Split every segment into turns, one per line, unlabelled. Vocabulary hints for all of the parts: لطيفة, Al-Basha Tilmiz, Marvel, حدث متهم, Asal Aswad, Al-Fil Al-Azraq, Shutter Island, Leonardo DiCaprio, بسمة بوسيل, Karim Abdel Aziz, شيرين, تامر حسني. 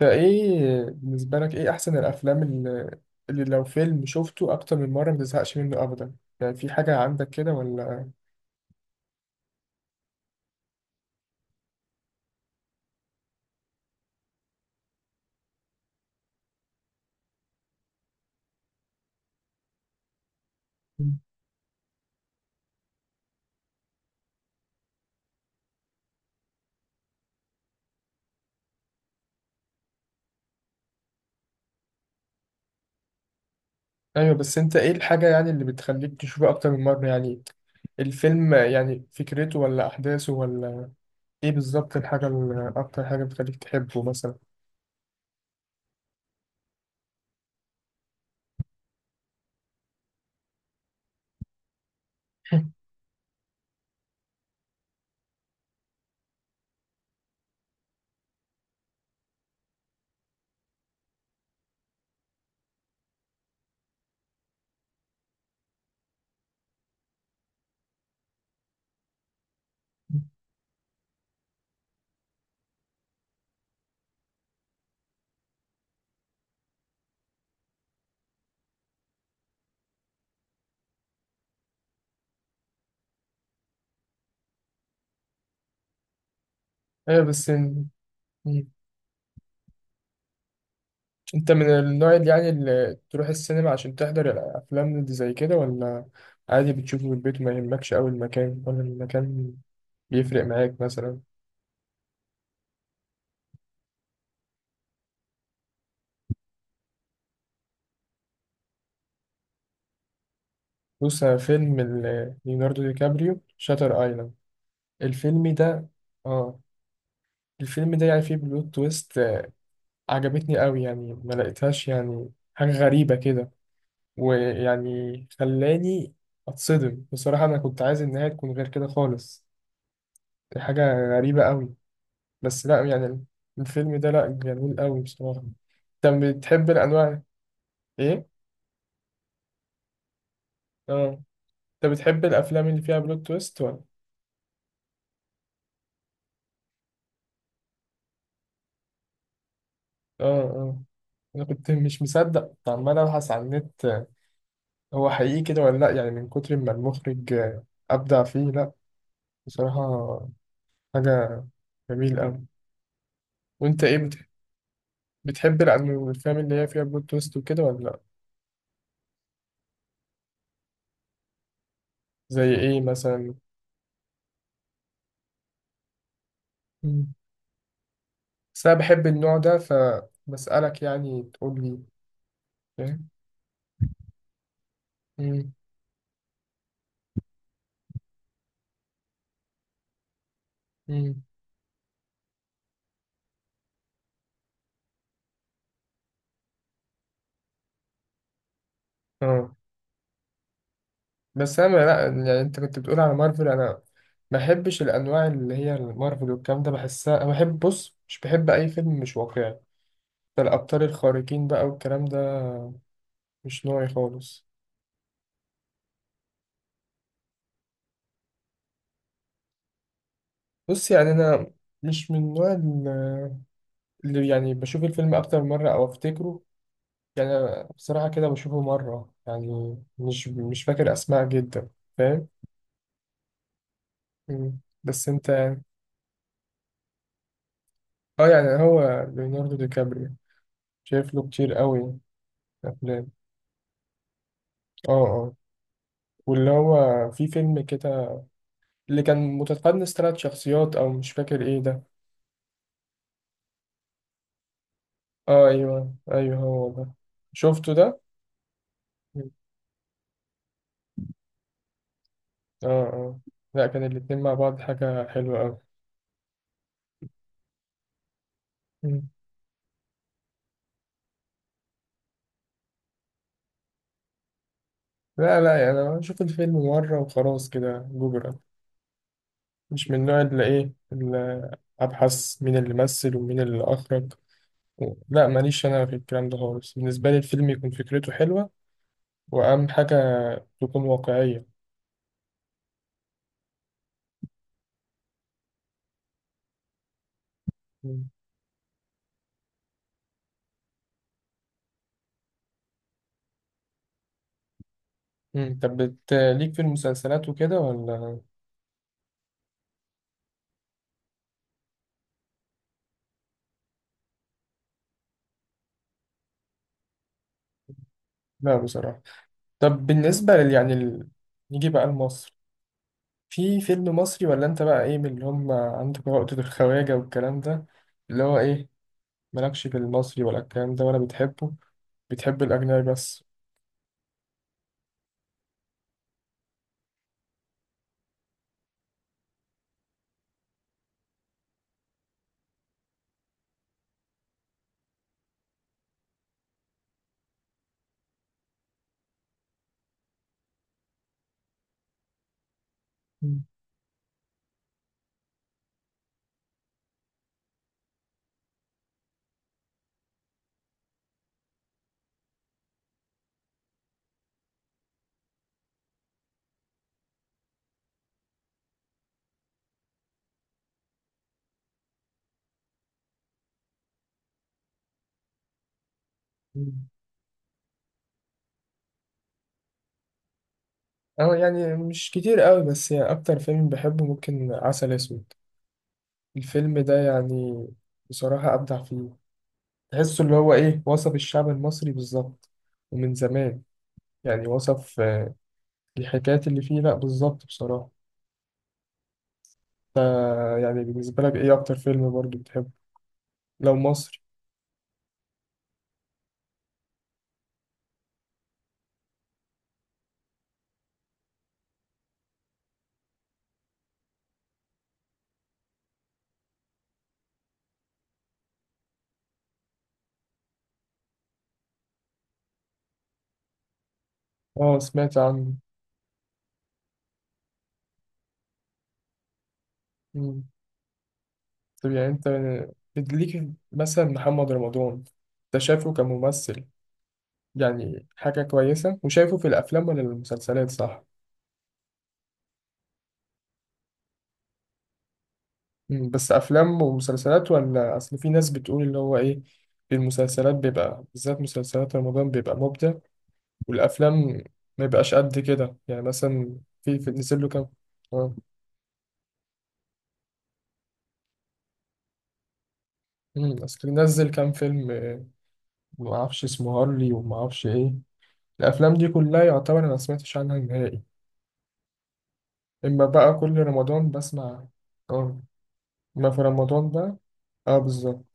فايه بالنسبة لك ايه احسن الافلام اللي لو فيلم شفته اكتر من مرة ما تزهقش منه ابدا، يعني في حاجة عندك كده ولا؟ مم. ايوه، بس انت ايه الحاجة يعني اللي بتخليك تشوفه اكتر من مرة؟ يعني الفيلم يعني فكرته ولا احداثه ولا ايه بالظبط الحاجة اللي اكتر حاجة بتخليك تحبه مثلا؟ ايوه. بس إن- انت من النوع اللي يعني اللي تروح السينما عشان تحضر الافلام اللي زي كده، ولا عادي بتشوفه في البيت وما يهمكش قوي المكان، ولا المكان بيفرق معاك مثلا؟ بص انا فيلم ليوناردو دي كابريو شاتر ايلاند. الفيلم ده. اه. الفيلم ده يعني فيه بلوت تويست عجبتني قوي، يعني ما لقيتهاش يعني حاجة غريبة كده. ويعني خلاني اتصدم بصراحة، انا كنت عايز النهاية تكون غير كده خالص. دي حاجة غريبة قوي. بس لا يعني الفيلم ده لا جميل قوي بصراحة. انت بتحب الانواع ايه؟ اه. انت بتحب الافلام اللي فيها بلوت تويست ولا؟ اه اه. انا كنت مش مصدق، عمال ابحث على النت هو حقيقي كده ولا لا، يعني من كتر ما المخرج ابدع فيه. لا بصراحة حاجة جميل قوي. وانت ايه بتحب الافلام اللي هي فيها بلوت تويست وكده ولا لا؟ زي ايه مثلا؟ مم. بس انا بحب النوع ده، فبسألك يعني تقول لي. فاهم؟ مم. اه. بس انا لا، يعني انت كنت بتقول على مارفل، انا ما بحبش الانواع اللي هي مارفل والكلام ده، بحسها انا بحب، بص، مش بحب اي فيلم مش واقعي. ده الابطال الخارقين بقى والكلام ده مش نوعي خالص. بص يعني انا مش من النوع اللي يعني بشوف الفيلم اكتر من مره او افتكره، يعني أنا بصراحه كده بشوفه مره، يعني مش مش فاكر اسماء جدا. فاهم؟ مم. بس انت. اه يعني هو ليوناردو دي كابريو شايف له كتير قوي افلام. اه اه. واللي هو في فيلم كده اللي كان متقدم 3 شخصيات، او مش فاكر ايه ده. اه ايوه ايوه، هو ده. شفته ده. مم. اه. اه. لا كان الاتنين مع بعض حاجة حلوة اوي. مم. لا لا، يعني انا بشوف الفيلم مرة وخلاص كده جبرا. مش من النوع اللي ايه، اللي ابحث مين اللي مثل ومين اللي اخرج لا ماليش انا في الكلام ده خالص. بالنسبة لي الفيلم يكون فكرته حلوة واهم حاجة تكون واقعية. مم. طب ليك في المسلسلات وكده ولا؟ لا بصراحة. طب بالنسبة يعني نيجي بقى لمصر. في فيلم مصري ولا انت بقى ايه من اللي هم عندك عقدة الخواجة والكلام ده؟ اللي هو ايه، مالكش في المصري ولا الكلام ده، ولا بتحبه؟ بتحب الأجنبي بس؟ مم. مم. اه يعني مش كتير قوي، بس يعني أكتر فيلم بحبه ممكن عسل أسود. الفيلم ده يعني بصراحة أبدع فيه. تحسه اللي هو ايه، وصف الشعب المصري بالظبط ومن زمان. يعني وصف الحكايات اللي فيه لا بالظبط، بصراحة. يعني بالنسبة لك ايه اكتر فيلم برضو بتحبه لو مصري؟ اه، سمعت عنه. مم. طب يعني انت ليك مثلا محمد رمضان، انت شايفه كممثل يعني حاجة كويسة، وشايفه في الافلام ولا المسلسلات، صح؟ مم. بس افلام ومسلسلات ولا؟ اصل في ناس بتقول اللي هو ايه، في المسلسلات بيبقى بالذات مسلسلات رمضان بيبقى مبدع، والافلام ما بيبقاش قد كده. يعني مثلا في في نزل له كام. اه. مم. بس كان نزل كام فيلم ما اعرفش اسمه هارلي وما اعرفش ايه. الافلام دي كلها يعتبر انا ما سمعتش عنها نهائي. اما بقى كل رمضان بسمع. اه. ما في رمضان بقى. اه بالظبط.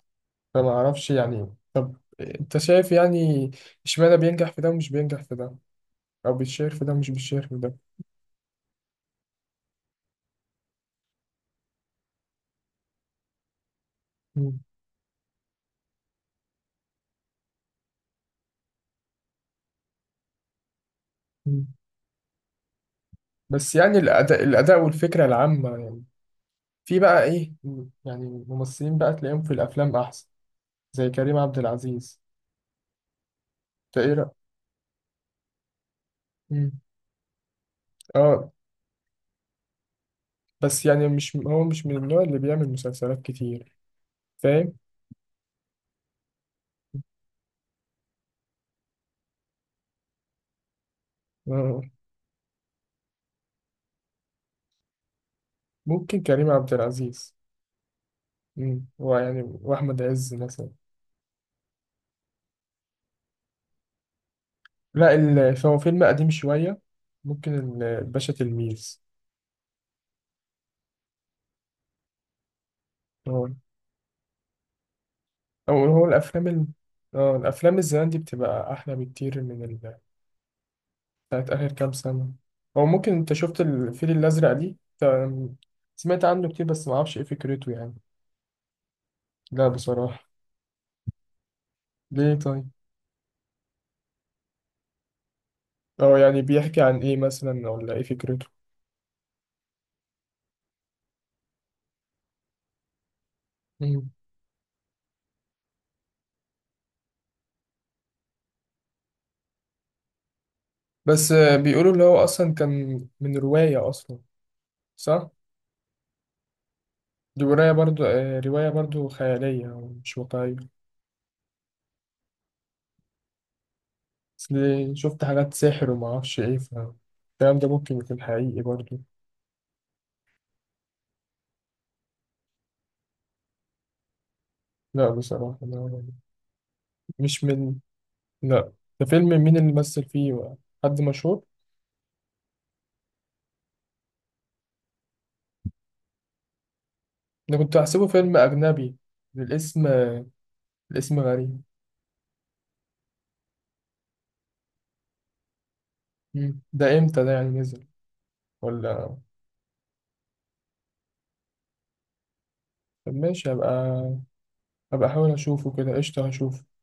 فما اعرفش يعني. طب انت شايف يعني اشمعنى بينجح في ده ومش بينجح في ده، او بيتشهر في ده ومش بيتشهر في ده؟ مم. مم. بس يعني الاداء الاداء والفكره العامه يعني في بقى ايه، مم، يعني ممثلين بقى تلاقيهم في الافلام احسن، زي كريم عبد العزيز. انت ايه مم. اه. بس يعني مش، هو مش من النوع اللي بيعمل مسلسلات كتير. فاهم؟ آه، ممكن كريم عبد العزيز. مم. هو يعني، واحمد عز مثلا. لا فهو فيلم قديم شويه. ممكن الباشا تلميذ. آه. او هو الافلام اه الافلام الزمان دي بتبقى احلى بكتير من بتاعت اخر كام سنه. او ممكن انت شفت الفيل الازرق دي سمعت عنه كتير بس ما اعرفش ايه فكرته يعني. لا بصراحه. ليه طيب؟ اه يعني بيحكي عن ايه مثلا، ولا ايه فكرته؟ بس بيقولوا اللي هو أصلا كان من رواية أصلا، صح؟ دي رواية برضو رواية برضو خيالية ومش واقعية. أصل شفت حاجات سحر ومعرفش إيه، فالكلام ده ممكن يكون حقيقي برضو. لا بصراحة لا. مش من. لا. ده فيلم مين اللي مثل فيه؟ حد مشهور؟ أنا كنت أحسبه فيلم أجنبي. الاسم الاسم غريب. مم. ده إمتى ده يعني نزل ولا؟ طب ماشي، هبقى هبقى أحاول أشوفه كده. قشطة، هشوفه.